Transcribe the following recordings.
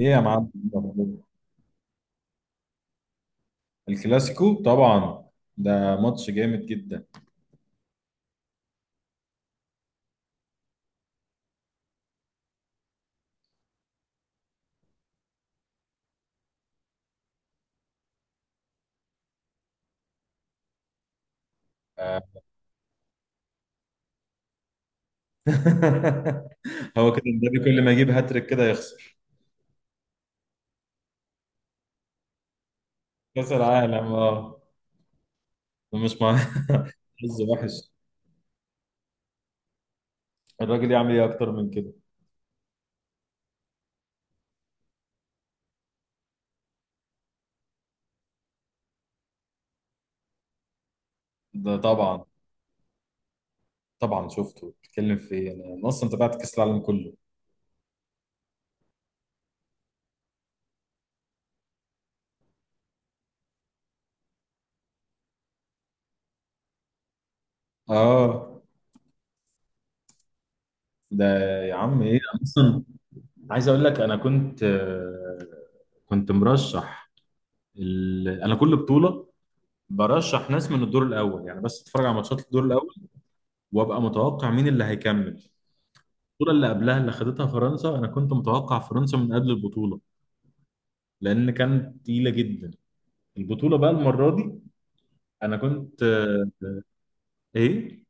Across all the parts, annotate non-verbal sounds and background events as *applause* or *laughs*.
ايه يا معلم. الكلاسيكو طبعا. ده ماتش جامد جدا. آه. *laughs* هو كده النادي كل ما يجيب هاتريك كده يخسر. كاس العالم، اه. مش مع. *laughs* حظ وحش. الراجل يعمل ايه اكتر من كده؟ ده طبعا. طبعا شفته، بتتكلم في ايه؟ أنا اصلا تابعت كاس العالم كله. اه. ده. يا عم ايه، انا اصلا عايز اقول لك انا كنت، كنت مرشح. انا كل بطوله برشح ناس من الدور الاول، يعني بس اتفرج على ماتشات الدور الاول، وابقى متوقع مين اللي هيكمل. البطوله اللي قبلها اللي خدتها فرنسا، انا كنت متوقع فرنسا من قبل البطوله، لان كانت تقيله جدا. البطوله بقى المره دي انا كنت، آه، ايه.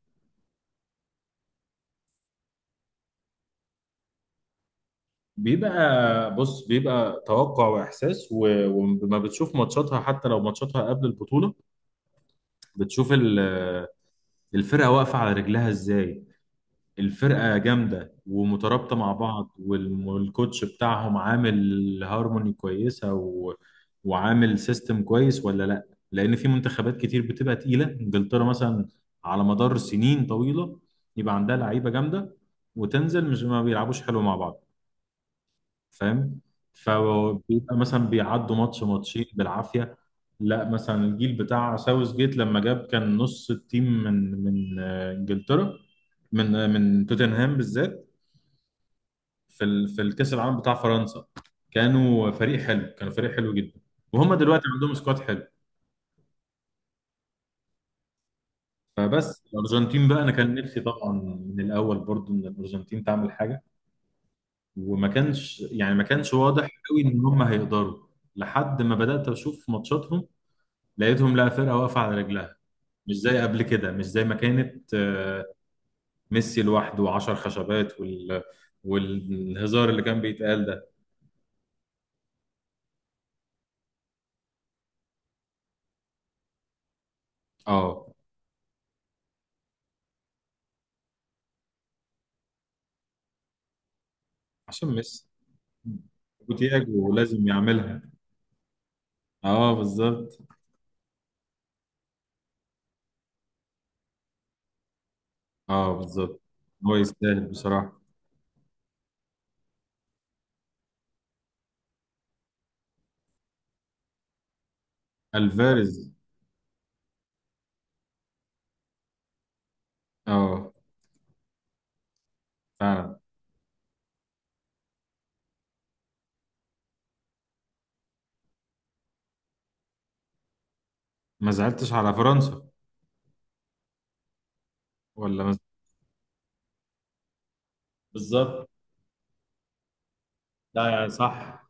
بيبقى. بص، بيبقى توقع واحساس وما بتشوف ماتشاتها حتى لو ماتشاتها قبل البطوله. بتشوف الفرقه واقفه على رجلها ازاي. الفرقة جامدة ومترابطة مع بعض، والكوتش بتاعهم عامل هارموني كويسة وعامل سيستم كويس ولا لا. لأن في منتخبات كتير بتبقى تقيلة، إنجلترا مثلا، على مدار سنين طويلة يبقى عندها لعيبة جامدة، وتنزل مش ما بيلعبوش حلو مع بعض. فاهم؟ فبيبقى مثلا بيعدوا ماتش ماتشين بالعافيه. لا مثلا الجيل بتاع ساوث جيت لما جاب، كان نص التيم من آه، انجلترا، من آه، من توتنهام بالذات. في في الكاس العالم بتاع فرنسا. كانوا فريق حلو، كانوا فريق حلو جدا. وهم دلوقتي عندهم سكواد حلو. فبس الارجنتين بقى، انا كان نفسي طبعا من الاول برضو ان الارجنتين تعمل حاجه. وما كانش يعني ما كانش واضح قوي ان هم هيقدروا، لحد ما بدات اشوف ماتشاتهم، لقيتهم لا فرقة واقفة على رجلها. مش زي قبل كده، مش زي ما كانت، آه، ميسي لوحده وعشر خشبات والهزار اللي كان بيتقال ده. اه. عشان ميسي وتياجو لازم يعملها. اه بالظبط. اه بالظبط. هو يستاهل بصراحة. الفاريز. اه. فعلا. ما زعلتش على فرنسا ولا ما. بالظبط. لا يعني صح.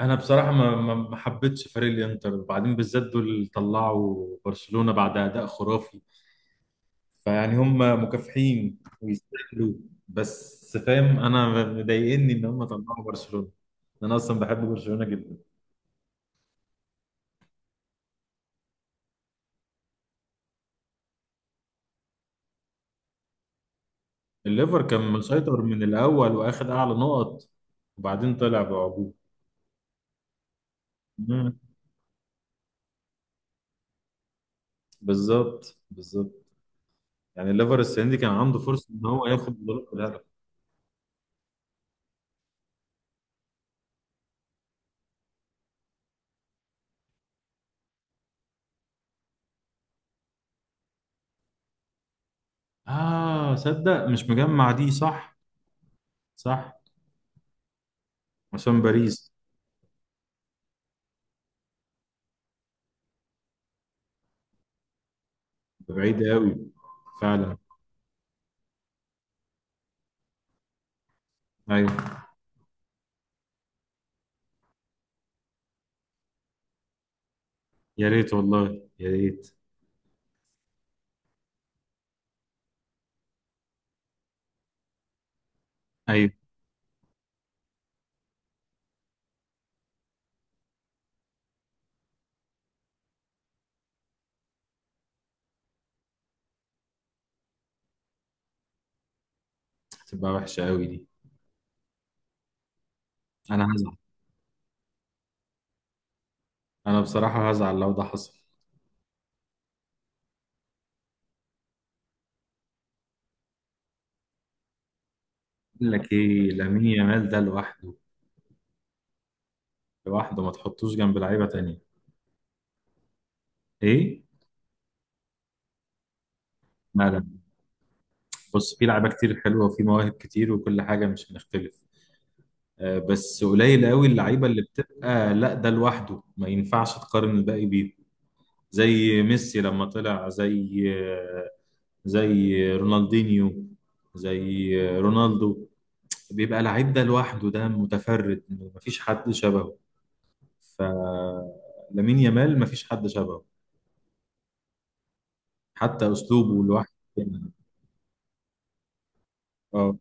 انا بصراحة ما حبيتش فريق الانتر، وبعدين بالذات دول اللي طلعوا برشلونة بعد اداء خرافي. فيعني هم مكافحين ويستاهلوا. بس فاهم، انا مضايقني ان هم طلعوا برشلونه. انا اصلا بحب برشلونه جدا. الليفر كان مسيطر من الاول، واخد اعلى نقط. وبعدين طلع بعجوبه. مم. بالظبط بالظبط. يعني الليفر السنه دي كان عنده فرصه ان هو ياخد بطوله الهدف. اه صدق، مش مجمع دي صح. صح. عشان باريس. بعيد قوي. فعلا. ايوه. يا ريت والله يا ريت. ايوه. هتبقى وحشه قوي دي. انا هزعل. انا بصراحه هزعل لو ده حصل. اقول لك ايه، لامين يامال ده لوحده، لوحده ما تحطوش جنب لعيبه تانية. ايه. لا لا. بص، في لعيبه كتير حلوه، وفي مواهب كتير، وكل حاجه مش هنختلف. آه، بس قليل قوي اللعيبه اللي بتبقى لا ده لوحده، ما ينفعش تقارن الباقي بيه. زي ميسي لما طلع، زي آه، زي رونالدينيو، زي آه، رونالدو. بيبقى لعيب ده لوحده ده متفرد، مفيش حد شبهه. فلامين يامال مفيش حد شبهه، حتى اسلوبه لوحده يعني. اه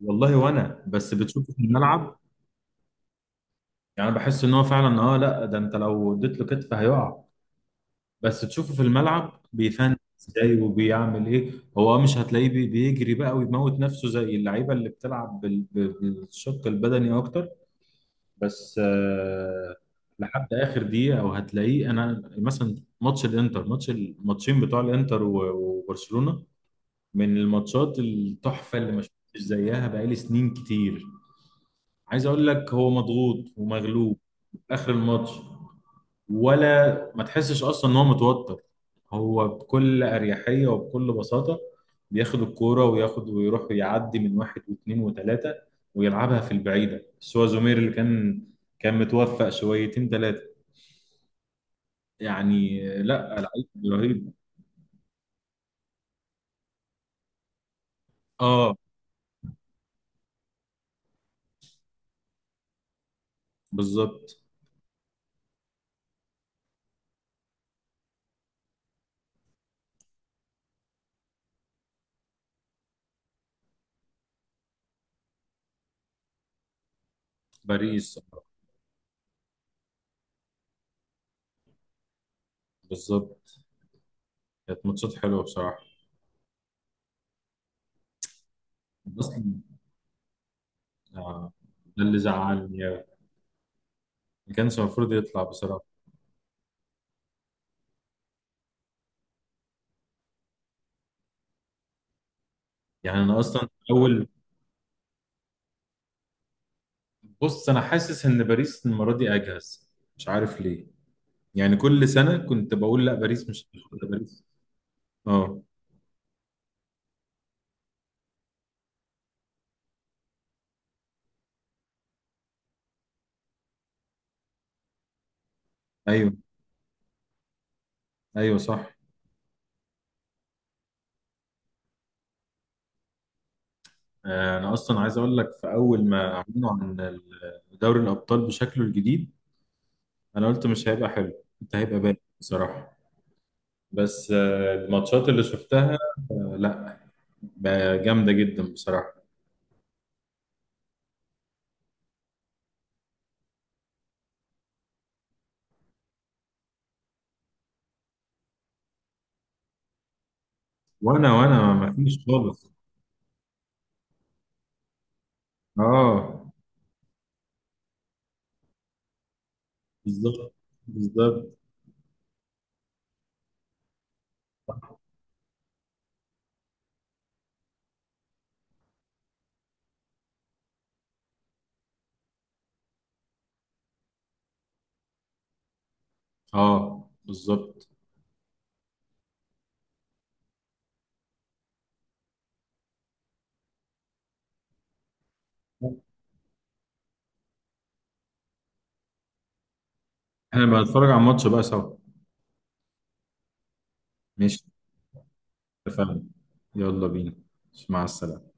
والله. وانا بس بتشوفه في الملعب، يعني بحس ان هو فعلا، اه لا ده انت لو اديت له كتف هيقع، بس تشوفه في الملعب بيفن ازاي وبيعمل ايه. هو آه، مش هتلاقيه بيجري بقى ويموت نفسه زي اللعيبه اللي بتلعب بالشق البدني اكتر، بس آه لحد اخر دقيقه وهتلاقيه. انا مثلا ماتش الانتر، ماتش الماتشين بتوع الانتر وبرشلونه، من الماتشات التحفة اللي ما شفتش زيها بقالي سنين كتير. عايز اقول لك، هو مضغوط ومغلوب اخر الماتش، ولا ما تحسش اصلا ان هو متوتر. هو بكل اريحية وبكل بساطة بياخد الكورة وياخد ويروح ويعدي من واحد واثنين وثلاثة، ويلعبها في البعيدة. بس هو زومير اللي كان، كان متوفق شويتين ثلاثة، يعني لا لعيب رهيب. اه بالظبط. باريس. بالظبط. كانت ماتشات حلوة بصراحة. بس آه، ده اللي زعلني أوي. ما كانش المفروض يطلع بصراحة. يعني أنا أصلا أول. بص، أنا حاسس إن باريس المرة دي أجهز، مش عارف ليه. يعني كل سنة كنت بقول لا باريس مش هتاخد لا باريس. أه. أيوه. أيوه صح. آه، أنا أصلا عايز أقول لك، في أول ما أعلنوا عن دوري الأبطال بشكله الجديد، أنا قلت مش هيبقى حلو، كنت هيبقى باين بصراحة. بس آه، الماتشات اللي شفتها، آه، لا، بقى جامدة جدا بصراحة. وأنا ما فيش خالص. أه بالظبط بالظبط. اه بالظبط. احنا بقى نتفرج على الماتش بقى سوا. ماشي. اتفقنا. يلا بينا. مع السلامة.